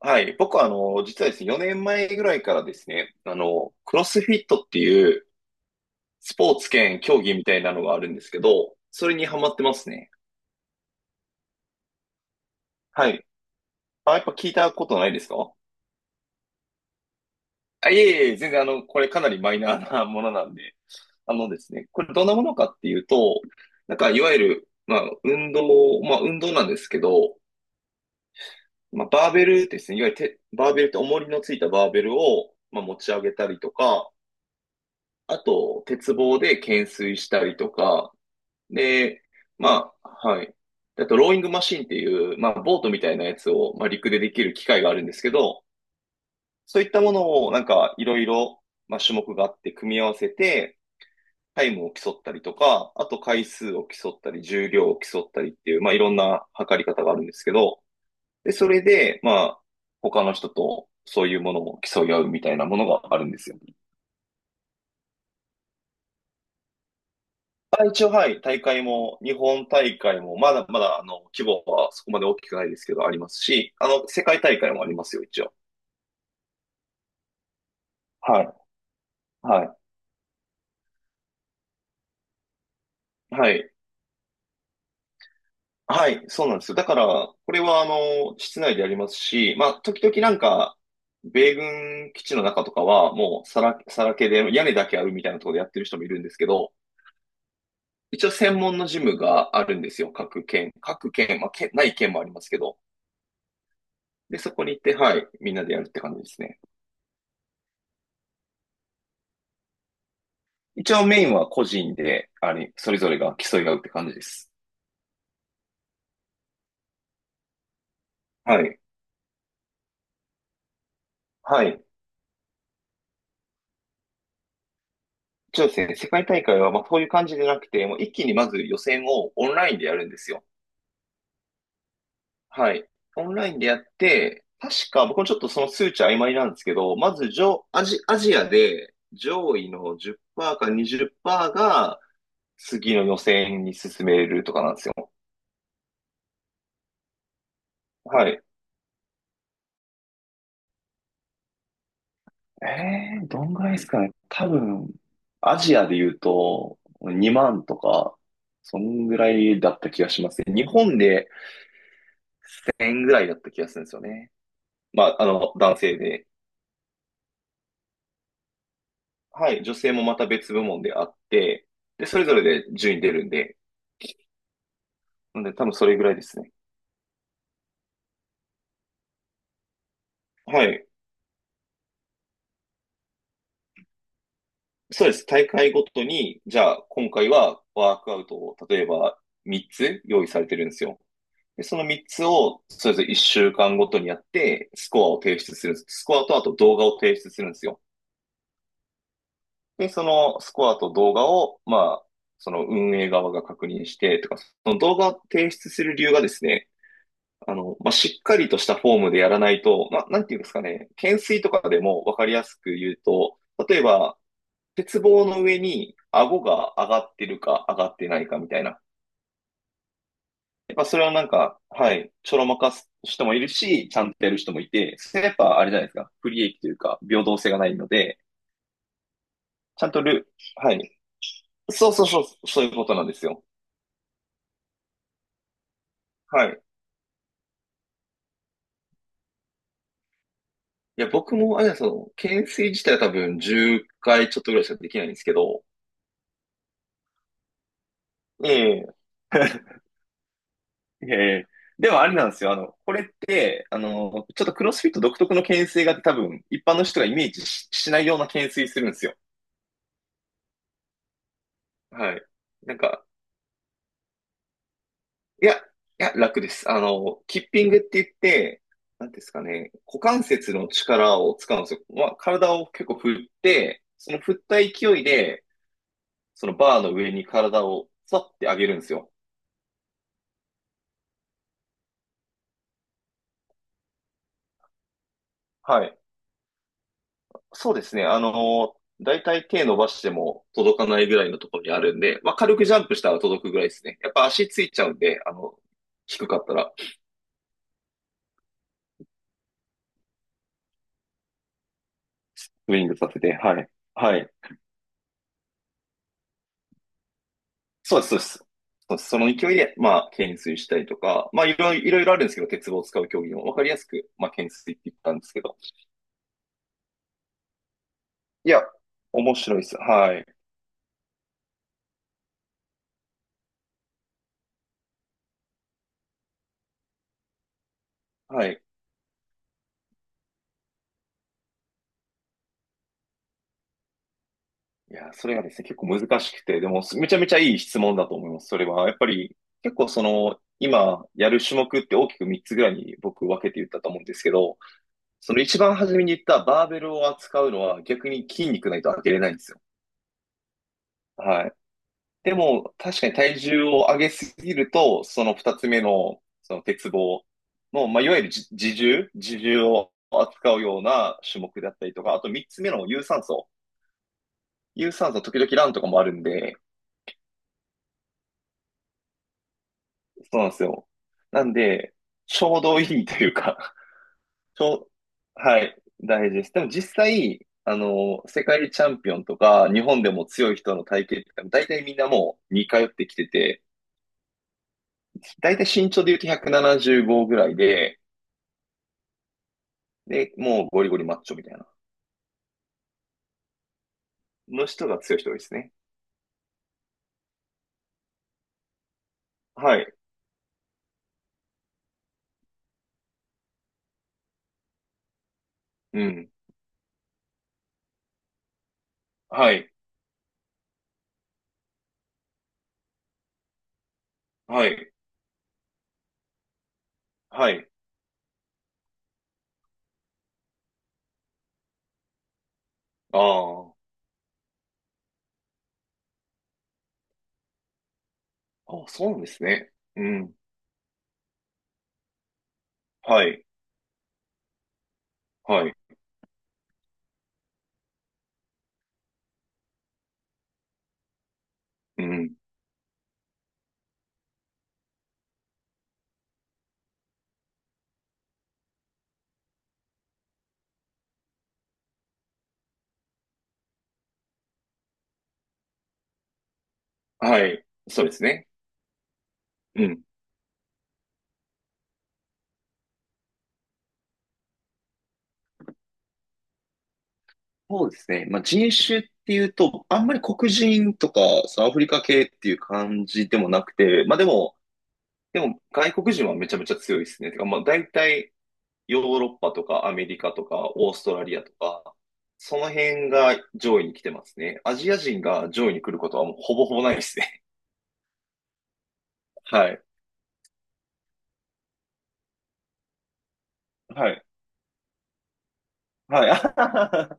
はい。僕は、実はですね、4年前ぐらいからですね、クロスフィットっていうスポーツ兼競技みたいなのがあるんですけど、それにハマってますね。はい。あ、やっぱ聞いたことないですか？あ、いえいえ、全然これかなりマイナーなものなんで。あのですね、これどんなものかっていうと、なんかいわゆる、まあ、運動、まあ、運動なんですけど、まあ、バーベルですね、いわゆるてバーベルって重りのついたバーベルを、まあ、持ち上げたりとか、あと、鉄棒で懸垂したりとか、で、まあ、はい。あと、ローイングマシンっていう、まあ、ボートみたいなやつを、まあ、陸でできる機械があるんですけど、そういったものを、なんか、いろいろ、まあ、種目があって、組み合わせて、タイムを競ったりとか、あと回数を競ったり、重量を競ったりっていう、まあ、いろんな測り方があるんですけど、で、それで、まあ、他の人とそういうものを競い合うみたいなものがあるんですよ。あ、一応、はい、大会も、日本大会も、まだまだ、規模はそこまで大きくないですけど、ありますし、世界大会もありますよ、一応。はい、はい、はい、はい、そうなんですよ。だから、これは、室内でやりますし、まあ、時々なんか、米軍基地の中とかは、もう、さらけで、屋根だけあるみたいなところでやってる人もいるんですけど、一応、専門のジムがあるんですよ、各県。各県、まあ、ない県もありますけど。で、そこに行って、はい、みんなでやるって感じですね。一応メインは個人で、それぞれが競い合うって感じです。はい。はい。そうですね。世界大会は、まあ、そういう感じじゃなくて、もう一気にまず予選をオンラインでやるんですよ。はい。オンラインでやって、確か、僕もちょっとその数値曖昧なんですけど、まず上、アジ、アジアで上位の10%か20%が次の予選に進めるとかなんですよ。はい。どんぐらいですかね。多分、アジアで言うと、2万とか、そんぐらいだった気がしますね。日本で1000円ぐらいだった気がするんですよね。まあ、男性で。はい、女性もまた別部門であって、で、それぞれで順位出るんで、なんで多分それぐらいですね。はい。そうです。大会ごとに、じゃあ今回はワークアウトを例えば3つ用意されてるんですよ。で、その3つを、それぞれ1週間ごとにやって、スコアを提出するんです。スコアとあと動画を提出するんですよ。で、そのスコアと動画を、まあ、その運営側が確認して、とか、その動画を提出する理由がですね、まあ、しっかりとしたフォームでやらないと、まあ、なんていうんですかね、懸垂とかでもわかりやすく言うと、例えば、鉄棒の上に顎が上がってるか上がってないかみたいな。やっぱそれはなんか、はい、ちょろまかす人もいるし、ちゃんとやる人もいて、それやっぱあれじゃないですか、不利益というか、平等性がないので、ちゃんとル、はい。そうそうそう、そういうことなんですよ。はい。いや、僕も、あれなんですよ、懸垂自体は多分10回ちょっとぐらいしかできないんですけど、ええ ええ、でもあれなんですよ。これって、ちょっとクロスフィット独特の懸垂があって多分、一般の人がイメージし、しないような懸垂するんですよ。はい。なんか、いや、いや、楽です。キッピングって言って、なんていうんですかね、股関節の力を使うんですよ。まあ、体を結構振って、その振った勢いで、そのバーの上に体をさって上げるんですよ。はい。そうですね。だいたい手伸ばしても届かないぐらいのところにあるんで、まあ、軽くジャンプしたら届くぐらいですね。やっぱ足ついちゃうんで、低かったら、スイングさせて、はい。はい。そうです、そうです。そうです、その勢いで、まあ、懸垂したりとか、まあ、いろいろ、いろいろあるんですけど、鉄棒を使う競技もわかりやすく、まあ、懸垂って言ったんですけど。いや、面白いです。はい。はい。いや、それがですね、結構難しくて、でも、めちゃめちゃいい質問だと思います。それは、やっぱり、結構今、やる種目って大きく3つぐらいに僕分けて言ったと思うんですけど、その一番初めに言ったバーベルを扱うのは逆に筋肉ないと開けれないんですよ。はい。でも、確かに体重を上げすぎると、その二つ目の、その鉄棒の、まあ、いわゆるじ自重、自重を扱うような種目だったりとか、あと三つ目の有酸素。有酸素時々ランとかもあるんで、そうなんですよ。なんで、ちょうどいいというか、ちょう、はい、大事です。でも実際、世界チャンピオンとか、日本でも強い人の体型って、大体みんなもう似通ってきてて、大体身長で言うと175ぐらいで、で、もうゴリゴリマッチョみたいな。の人が強い人多いですね。はい。うん。はい。はい。はい。ああ。あ、そうなんですね。うん。はい。はい。うん。はい。そうですね。うん。そうですね。まあ、人種っていうと、あんまり黒人とかアフリカ系っていう感じでもなくて、まあでも外国人はめちゃめちゃ強いですね。てか、まあ大体ヨーロッパとかアメリカとかオーストラリアとか、その辺が上位に来てますね。アジア人が上位に来ることはもうほぼほぼないですね。はい。はい。はい。あ、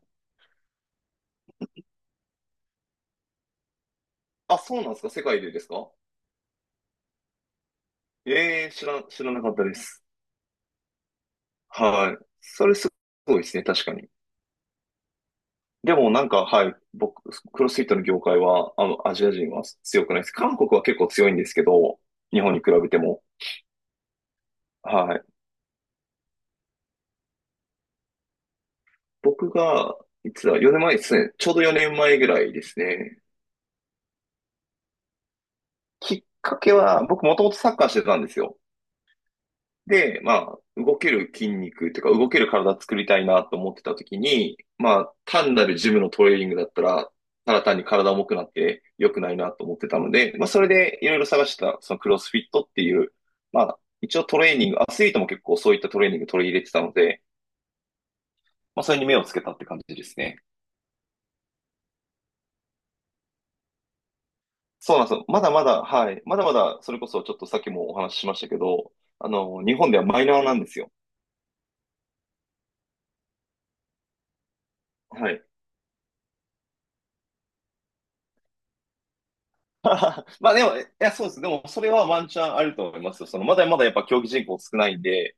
そうなんですか？世界でですか？ええー、知らなかったです。はい。それすごいですね、確かに。でもなんか、はい、僕、クロスフィットの業界は、アジア人は強くないです。韓国は結構強いんですけど、日本に比べても。はい。僕が、いつだ、4年前ですね。ちょうど4年前ぐらいですね。きっかけは、僕もともとサッカーしてたんですよ。で、まあ、動ける筋肉というか、動ける体作りたいなと思ってた時に、まあ、単なるジムのトレーニングだったら、ただ単に体重くなって良くないなと思ってたので、まあ、それでいろいろ探してた、そのクロスフィットっていう、まあ、一応トレーニング、アスリートも結構そういったトレーニング取り入れてたので、まあ、それに目をつけたって感じですね。そうなんですよ。まだまだ、はい。まだまだ、それこそちょっとさっきもお話ししましたけど、日本ではマイナーなんですよ。はい。まあでも、いや、そうです。でも、それはワンチャンあると思いますよ。まだまだやっぱ競技人口少ないんで、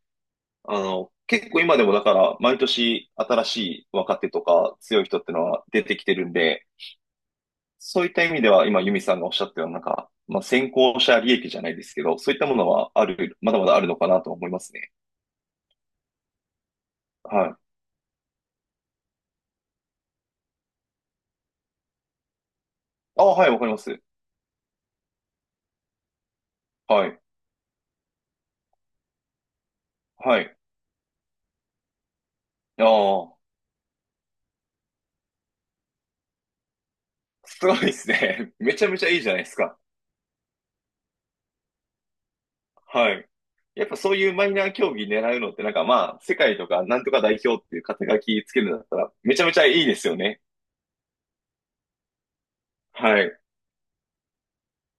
結構今でもだから、毎年新しい若手とか強い人ってのは出てきてるんで、そういった意味では今、ユミさんがおっしゃったような、なんか、まあ、先行者利益じゃないですけど、そういったものはある、まだまだあるのかなと思いますね。はい。ああ、はい、わかります。はい。はい。ああ、すごいですね。めちゃめちゃいいじゃないですか。はい。やっぱそういうマイナー競技狙うのってなんかまあ、世界とかなんとか代表っていう肩書きつけるんだったらめちゃめちゃいいですよね。はい。